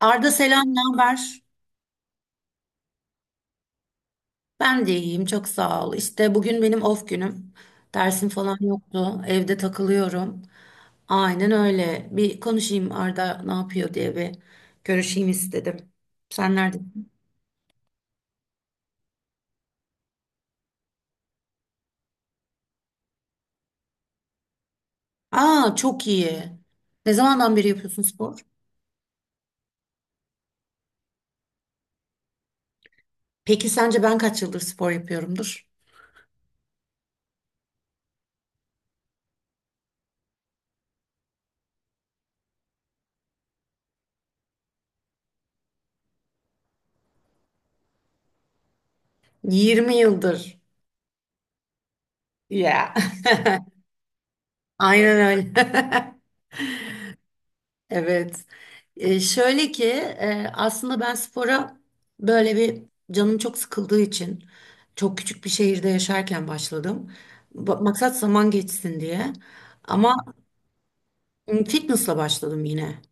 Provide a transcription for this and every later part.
Arda selam, ne haber? Ben de iyiyim, çok sağ ol. İşte bugün benim off günüm. Dersim falan yoktu. Evde takılıyorum. Aynen öyle. Bir konuşayım Arda ne yapıyor diye bir görüşeyim istedim. Sen neredesin? Aa, çok iyi. Ne zamandan beri yapıyorsun spor? Peki sence ben kaç yıldır spor yapıyorumdur? 20 yıldır. Ya. Aynen öyle. Evet. E, şöyle ki Aslında ben spora böyle bir canım çok sıkıldığı için çok küçük bir şehirde yaşarken başladım. Maksat zaman geçsin diye. Ama fitnessla başladım yine.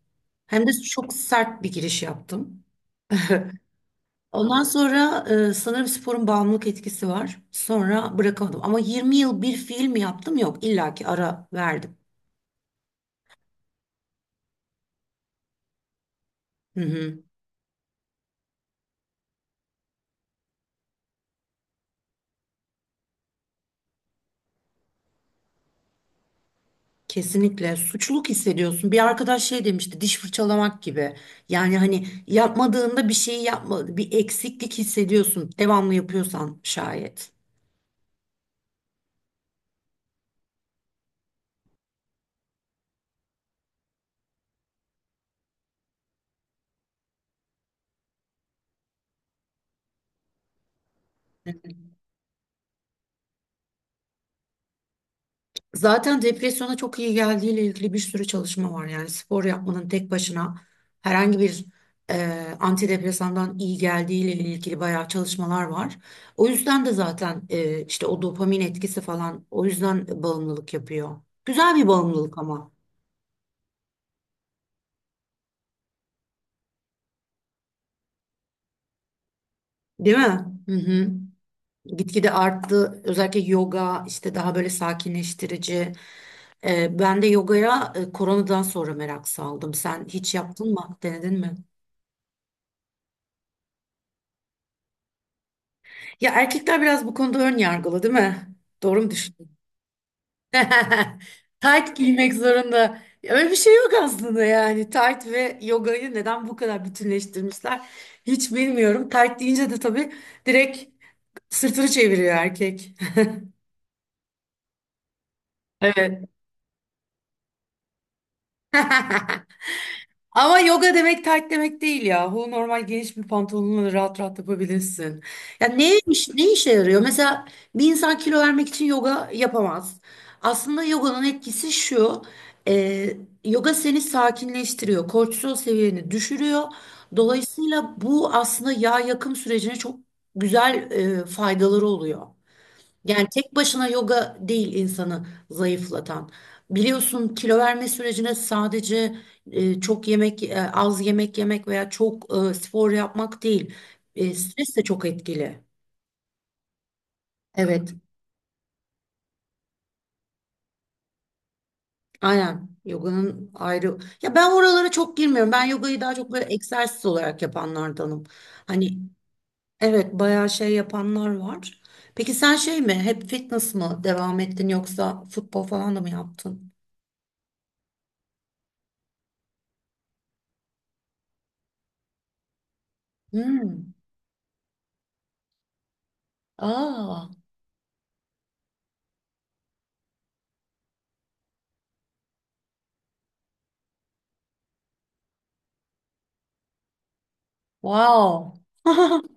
Hem de çok sert bir giriş yaptım. Ondan sonra sanırım sporun bağımlılık etkisi var. Sonra bırakamadım. Ama 20 yıl bir fiil mi yaptım? Yok, illaki ara verdim. Hı hı. Kesinlikle suçluluk hissediyorsun. Bir arkadaş şey demişti, diş fırçalamak gibi. Yani hani yapmadığında bir şeyi yapma, bir eksiklik hissediyorsun. Devamlı yapıyorsan şayet. Zaten depresyona çok iyi geldiğiyle ilgili bir sürü çalışma var. Yani spor yapmanın tek başına herhangi bir antidepresandan iyi geldiğiyle ilgili bayağı çalışmalar var. O yüzden de zaten işte o dopamin etkisi falan o yüzden bağımlılık yapıyor. Güzel bir bağımlılık ama, değil mi? Hı hı. Gitgide arttı. Özellikle yoga işte daha böyle sakinleştirici. Ben de yogaya koronadan sonra merak saldım. Sen hiç yaptın mı? Denedin mi? Ya erkekler biraz bu konuda ön yargılı, değil mi? Doğru mu düşündüm? Tight giymek zorunda. Öyle bir şey yok aslında yani. Tight ve yogayı neden bu kadar bütünleştirmişler? Hiç bilmiyorum. Tight deyince de tabii direkt sırtını çeviriyor erkek. Evet. Ama yoga demek tight demek değil yahu. Normal geniş bir pantolonla rahat rahat yapabilirsin. Ya ne iş, ne işe yarıyor? Mesela bir insan kilo vermek için yoga yapamaz. Aslında yoganın etkisi şu. e, Yoga seni sakinleştiriyor. Kortisol seviyeni düşürüyor. Dolayısıyla bu aslında yağ yakım sürecine çok güzel faydaları oluyor. Yani tek başına yoga değil insanı zayıflatan. Biliyorsun kilo verme sürecine sadece az yemek yemek veya çok spor yapmak değil. E, stres de çok etkili. Evet, aynen. Yoganın ayrı. Ya ben oralara çok girmiyorum. Ben yogayı daha çok böyle egzersiz olarak yapanlardanım. Hani evet bayağı şey yapanlar var. Peki sen şey mi? Hep fitness mı devam ettin yoksa futbol falan da mı yaptın? Hmm. Aa. Wow.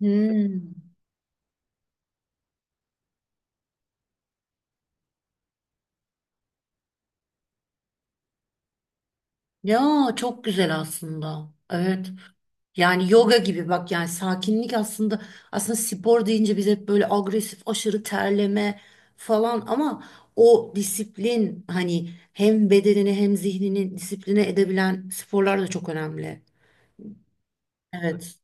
Hmm. Ya çok güzel aslında. Evet. Yani yoga gibi bak yani sakinlik aslında spor deyince biz hep böyle agresif aşırı terleme falan ama o disiplin hani hem bedenini hem zihnini disipline edebilen sporlar da çok önemli. Evet.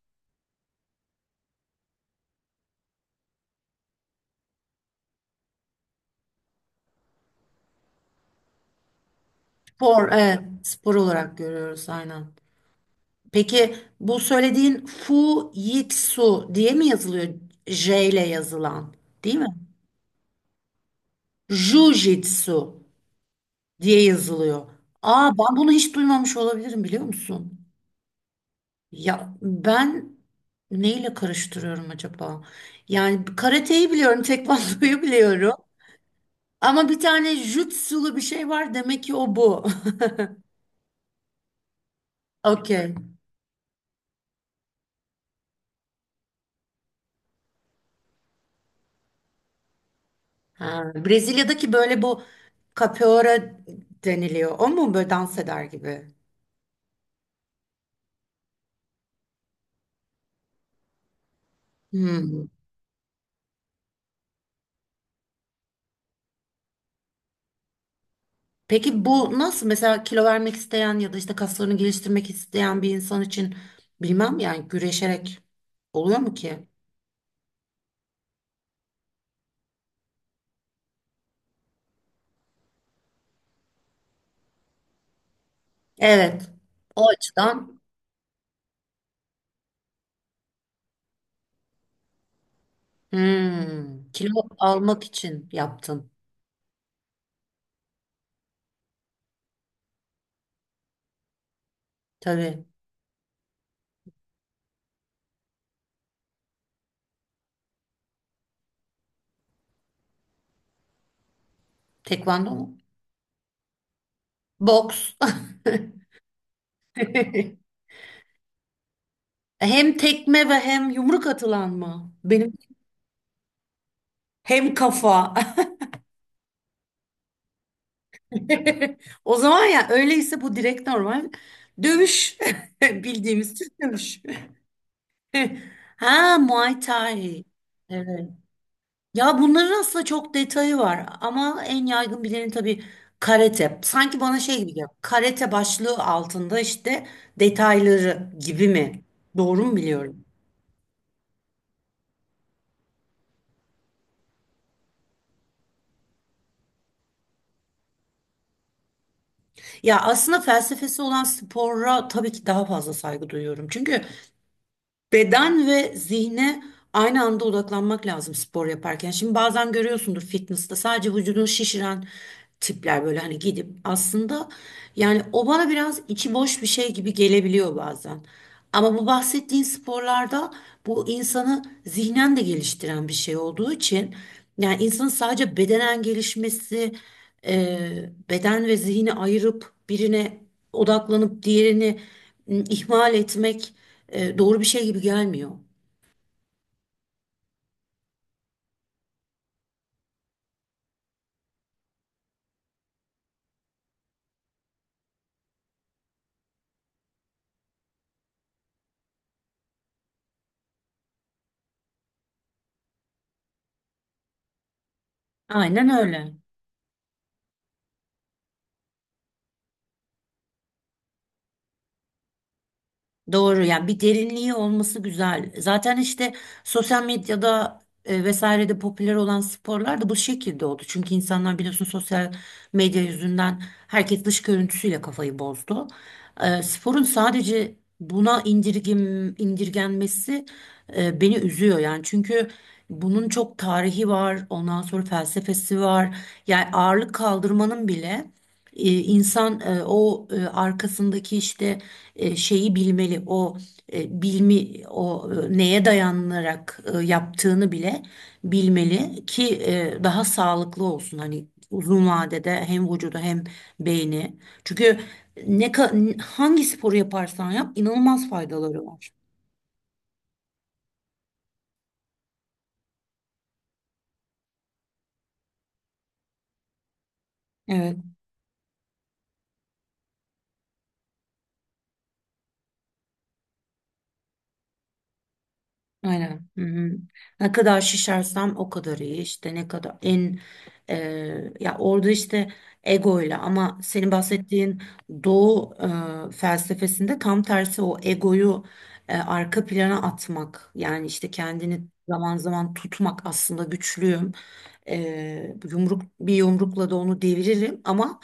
Spor evet, spor olarak görüyoruz aynen. Peki bu söylediğin Fu Jitsu diye mi yazılıyor? J ile yazılan değil mi? Jujitsu diye yazılıyor. Aa ben bunu hiç duymamış olabilirim biliyor musun? Ya ben neyle karıştırıyorum acaba? Yani karateyi biliyorum, tekvandoyu biliyorum. Ama bir tane jutsulu bir şey var demek ki o bu. Okey. Ha, Brezilya'daki böyle bu capoeira deniliyor. O mu böyle dans eder gibi? Hmm. Peki bu nasıl mesela kilo vermek isteyen ya da işte kaslarını geliştirmek isteyen bir insan için bilmem yani güreşerek oluyor mu ki? Evet. O açıdan hmm, kilo almak için yaptın. Tabii. Tekvando mu? Boks. Hem tekme ve hem yumruk atılan mı? Benim hem kafa. O zaman ya öyleyse bu direkt normal dövüş. Bildiğimiz Türk dövüş. Heh. Ha Muay Thai. Evet. Ya bunların aslında çok detayı var ama en yaygın bileni tabii karate. Sanki bana şey gibi geliyor. Karate başlığı altında işte detayları gibi mi? Doğru mu biliyorum? Ya aslında felsefesi olan spora tabii ki daha fazla saygı duyuyorum. Çünkü beden ve zihne aynı anda odaklanmak lazım spor yaparken. Şimdi bazen görüyorsundur fitness'ta sadece vücudunu şişiren tipler böyle hani gidip aslında yani o bana biraz içi boş bir şey gibi gelebiliyor bazen. Ama bu bahsettiğin sporlarda bu insanı zihnen de geliştiren bir şey olduğu için yani insanın sadece bedenen gelişmesi, e, beden ve zihni ayırıp birine odaklanıp diğerini ihmal etmek doğru bir şey gibi gelmiyor. Aynen öyle. Doğru yani bir derinliği olması güzel. Zaten işte sosyal medyada vesairede popüler olan sporlar da bu şekilde oldu. Çünkü insanlar biliyorsun sosyal medya yüzünden herkes dış görüntüsüyle kafayı bozdu. E, sporun sadece buna indirgenmesi beni üzüyor yani. Çünkü bunun çok tarihi var, ondan sonra felsefesi var. Yani ağırlık kaldırmanın bile E, insan e, o e, arkasındaki işte şeyi bilmeli, o e, bilmi, o e, neye dayanarak yaptığını bile bilmeli ki daha sağlıklı olsun. Hani uzun vadede hem vücudu hem beyni. Çünkü hangi sporu yaparsan yap inanılmaz faydaları var. Evet. Aynen. Hı hı. Ne kadar şişersem o kadar iyi. İşte ne kadar en e, ya orada işte egoyla ama senin bahsettiğin Doğu felsefesinde tam tersi o egoyu arka plana atmak. Yani işte kendini zaman zaman tutmak aslında güçlüyüm. E, bir yumrukla da onu deviririm ama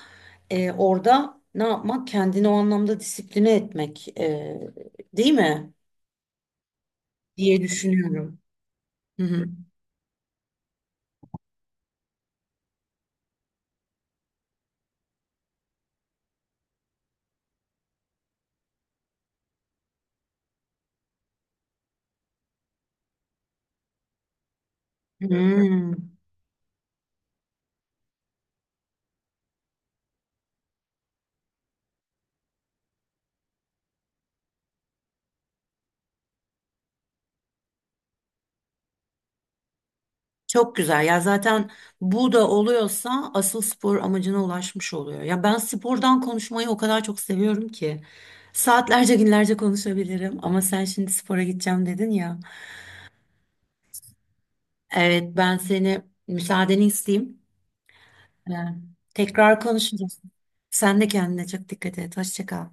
orada ne yapmak? Kendini o anlamda disipline etmek değil mi? Diye düşünüyorum. Hı hı. Hmm, çok güzel. Ya zaten bu da oluyorsa asıl spor amacına ulaşmış oluyor. Ya ben spordan konuşmayı o kadar çok seviyorum ki. Saatlerce günlerce konuşabilirim ama sen şimdi spora gideceğim dedin ya. Evet ben seni müsaadeni isteyeyim. Ee, Tekrar konuşuruz. Sen de kendine çok dikkat et. Hoşça kal.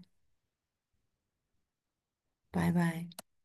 Bay bay.